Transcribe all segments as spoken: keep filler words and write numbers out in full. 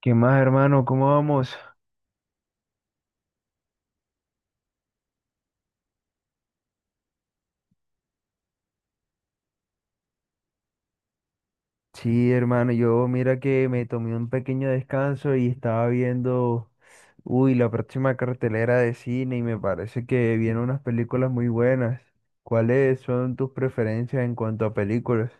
¿Qué más, hermano? ¿Cómo vamos? Sí, hermano, yo mira que me tomé un pequeño descanso y estaba viendo, uy, la próxima cartelera de cine y me parece que vienen unas películas muy buenas. ¿Cuáles son tus preferencias en cuanto a películas?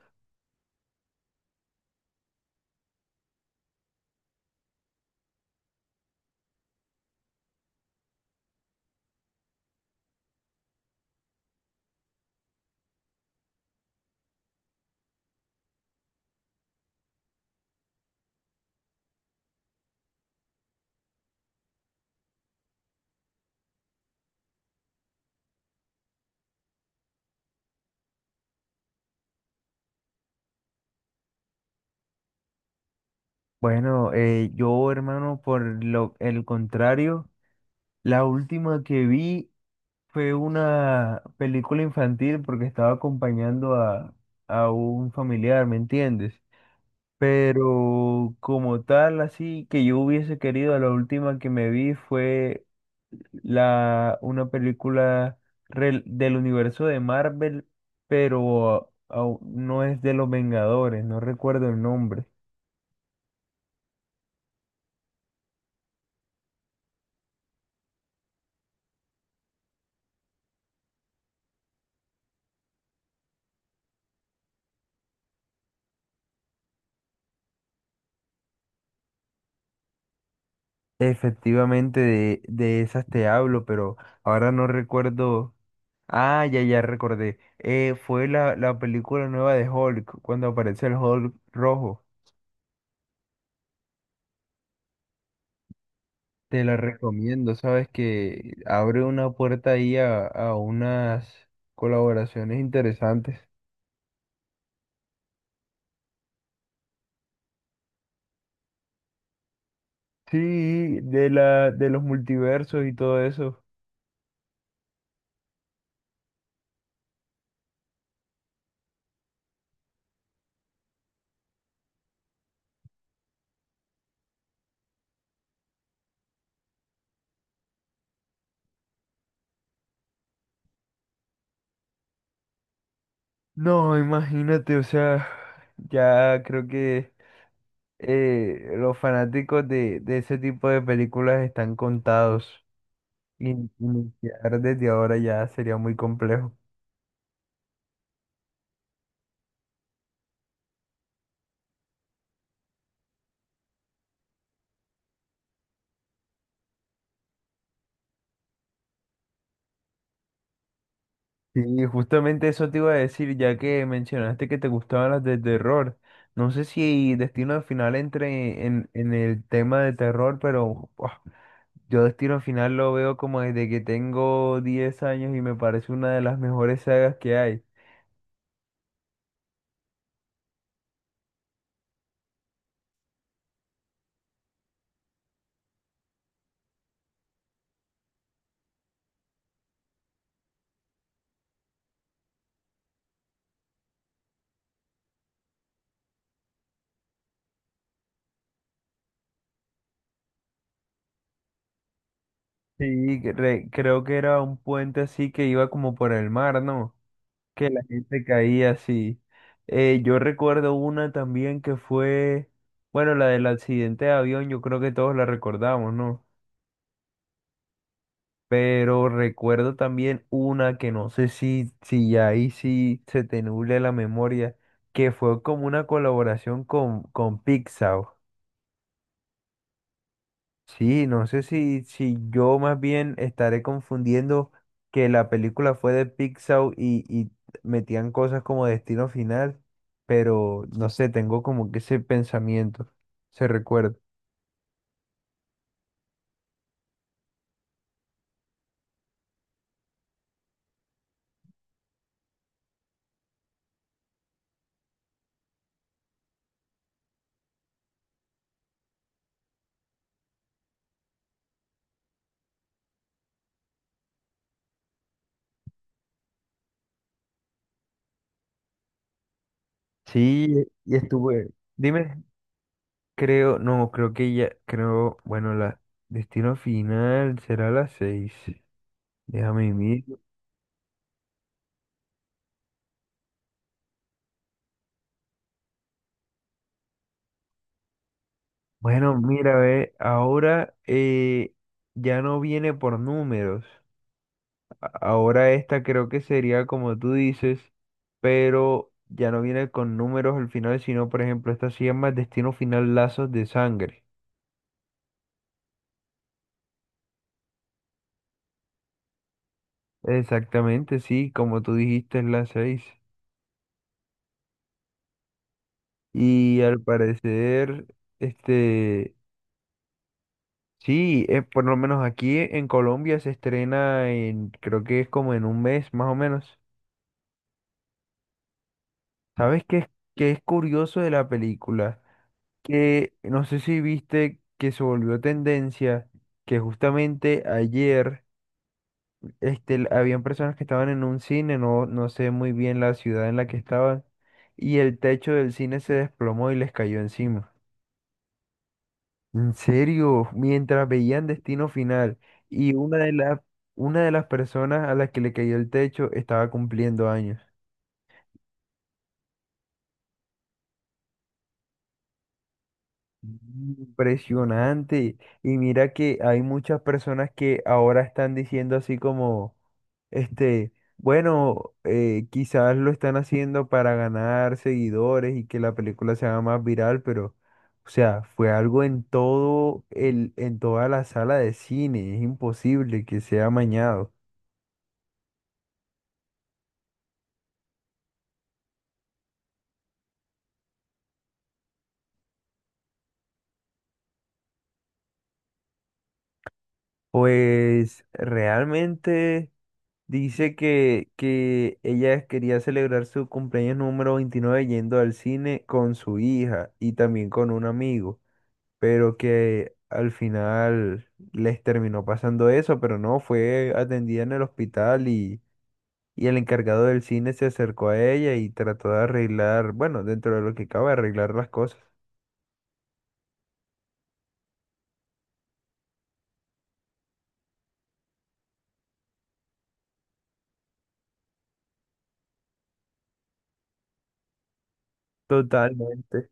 Bueno, eh, yo, hermano, por lo, el contrario, la última que vi fue una película infantil porque estaba acompañando a, a un familiar, ¿me entiendes? Pero como tal, así que yo hubiese querido, la última que me vi fue la, una película rel- del universo de Marvel, pero au- no es de los Vengadores, no recuerdo el nombre. Efectivamente, de, de esas te hablo, pero ahora no recuerdo. Ah, ya, ya recordé. Eh, fue la, la película nueva de Hulk, cuando aparece el Hulk rojo. Te la recomiendo, sabes que abre una puerta ahí a, a unas colaboraciones interesantes. Sí, de la, de los multiversos y todo eso. No, imagínate, o sea, ya creo que eh, los fanáticos de, de ese tipo de películas están contados. In- Iniciar desde ahora ya sería muy complejo. Sí, justamente eso te iba a decir, ya que mencionaste que te gustaban las de terror. No sé si Destino Final entre en, en el tema de terror, pero buah, yo Destino Final lo veo como desde que tengo diez años y me parece una de las mejores sagas que hay. Sí, cre- creo que era un puente así que iba como por el mar, ¿no? Que la gente caía así. Eh, yo recuerdo una también que fue, bueno, la del accidente de avión, yo creo que todos la recordamos, ¿no? Pero recuerdo también una que no sé si, si ya ahí sí se te nubla la memoria, que fue como una colaboración con, con Pixar. Sí, no sé si, si yo más bien estaré confundiendo que la película fue de Pixar y, y metían cosas como Destino Final, pero no sé, tengo como que ese pensamiento, se recuerda. Sí, y estuve. Dime. Creo, no, creo que ya, creo, bueno, la destino final será a las seis. Déjame mirar. Bueno, mira, ve, ahora eh, ya no viene por números. A- Ahora esta creo que sería como tú dices, pero ya no viene con números al final, sino, por ejemplo, esta se llama destino final lazos de sangre. Exactamente, sí, como tú dijiste, es la seis. Y al parecer, este. Sí, eh, por lo menos aquí en Colombia se estrena en, creo que es como en un mes más o menos. ¿Sabes qué es, qué es curioso de la película? Que no sé si viste que se volvió tendencia, que justamente ayer este, l- habían personas que estaban en un cine, no, no sé muy bien la ciudad en la que estaban, y el techo del cine se desplomó y les cayó encima. En serio, mientras veían Destino Final y una de las una de las personas a las que le cayó el techo estaba cumpliendo años. Impresionante. Y mira que hay muchas personas que ahora están diciendo así como, este, bueno, eh, quizás lo están haciendo para ganar seguidores y que la película se haga más viral, pero, o sea, fue algo en todo el, en toda la sala de cine. Es imposible que sea amañado. Pues realmente dice que, que ella quería celebrar su cumpleaños número veintinueve yendo al cine con su hija y también con un amigo, pero que al final les terminó pasando eso, pero no, fue atendida en el hospital y, y el encargado del cine se acercó a ella y trató de arreglar, bueno, dentro de lo que cabe, arreglar las cosas. Totalmente.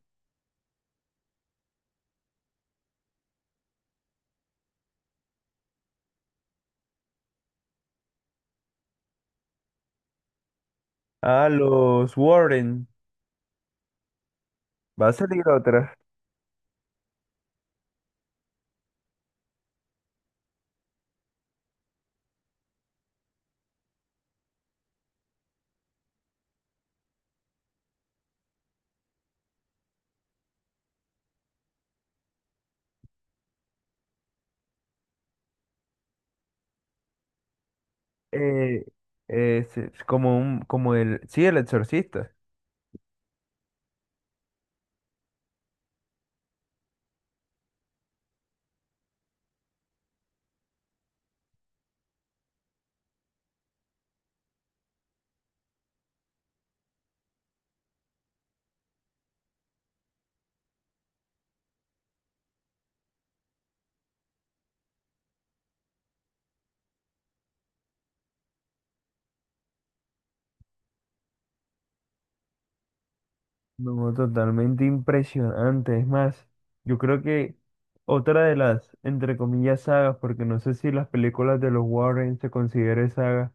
A los Warren. Va a salir otra. Eh, es, es como un, como el, sí, el exorcista. No, totalmente impresionante. Es más, yo creo que otra de las, entre comillas, sagas, porque no sé si las películas de los Warren se consideren sagas,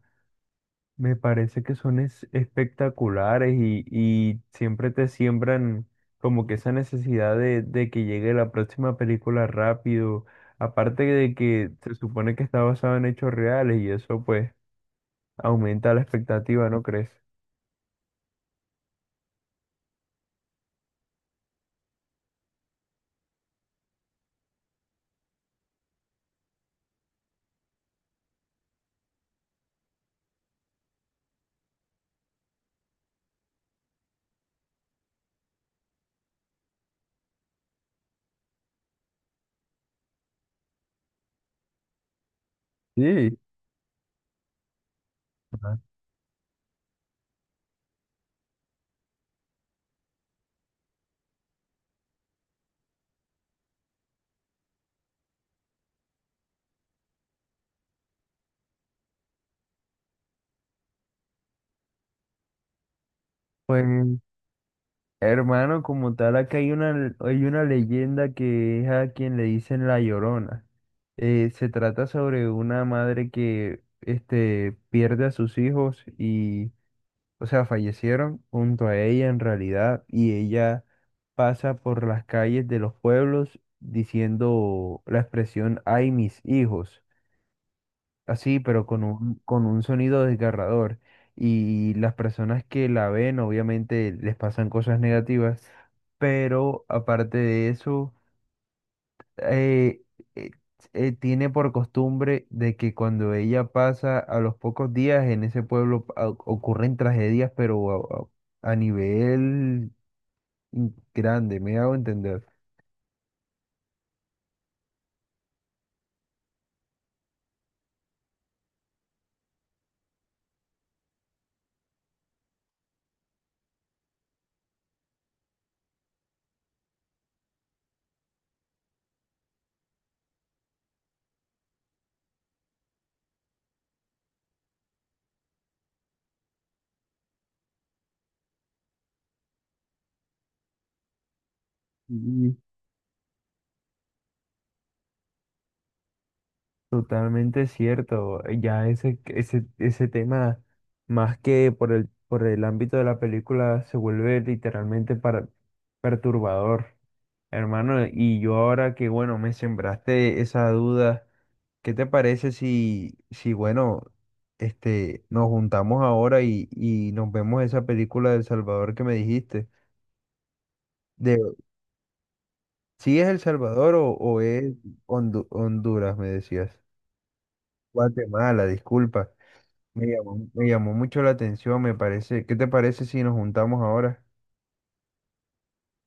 me parece que son es- espectaculares y, y siempre te siembran como que esa necesidad de, de que llegue la próxima película rápido. Aparte de que se supone que está basado en hechos reales y eso pues aumenta la expectativa, ¿no crees? Sí, ah, pues hermano, como tal, acá hay una, hay una leyenda que es a quien le dicen La Llorona. Eh, se trata sobre una madre que este, pierde a sus hijos y, o sea, fallecieron junto a ella en realidad y ella pasa por las calles de los pueblos diciendo la expresión, ay, mis hijos. Así, pero con un, con un sonido desgarrador. Y las personas que la ven, obviamente, les pasan cosas negativas, pero aparte de eso, eh, eh, eh, tiene por costumbre de que cuando ella pasa a los pocos días en ese pueblo pa- o- ocurren tragedias, pero a, a- a nivel mm, grande, me hago entender. Totalmente cierto. eh, Ya ese, ese, ese tema, más que por el, por el ámbito de la película, se vuelve literalmente para, perturbador, hermano. Y yo ahora que, bueno, me sembraste esa duda, ¿qué te parece si, si bueno, este, nos juntamos ahora y, y nos vemos esa película del Salvador que me dijiste? De, si es El Salvador o, o es Hondu- Honduras, me decías? Guatemala, disculpa. Me llamó, me llamó mucho la atención, me parece. ¿Qué te parece si nos juntamos ahora?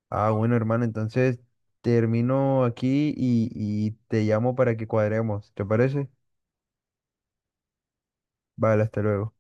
Ah, bueno, hermano, entonces termino aquí y, y te llamo para que cuadremos. ¿Te parece? Vale, hasta luego.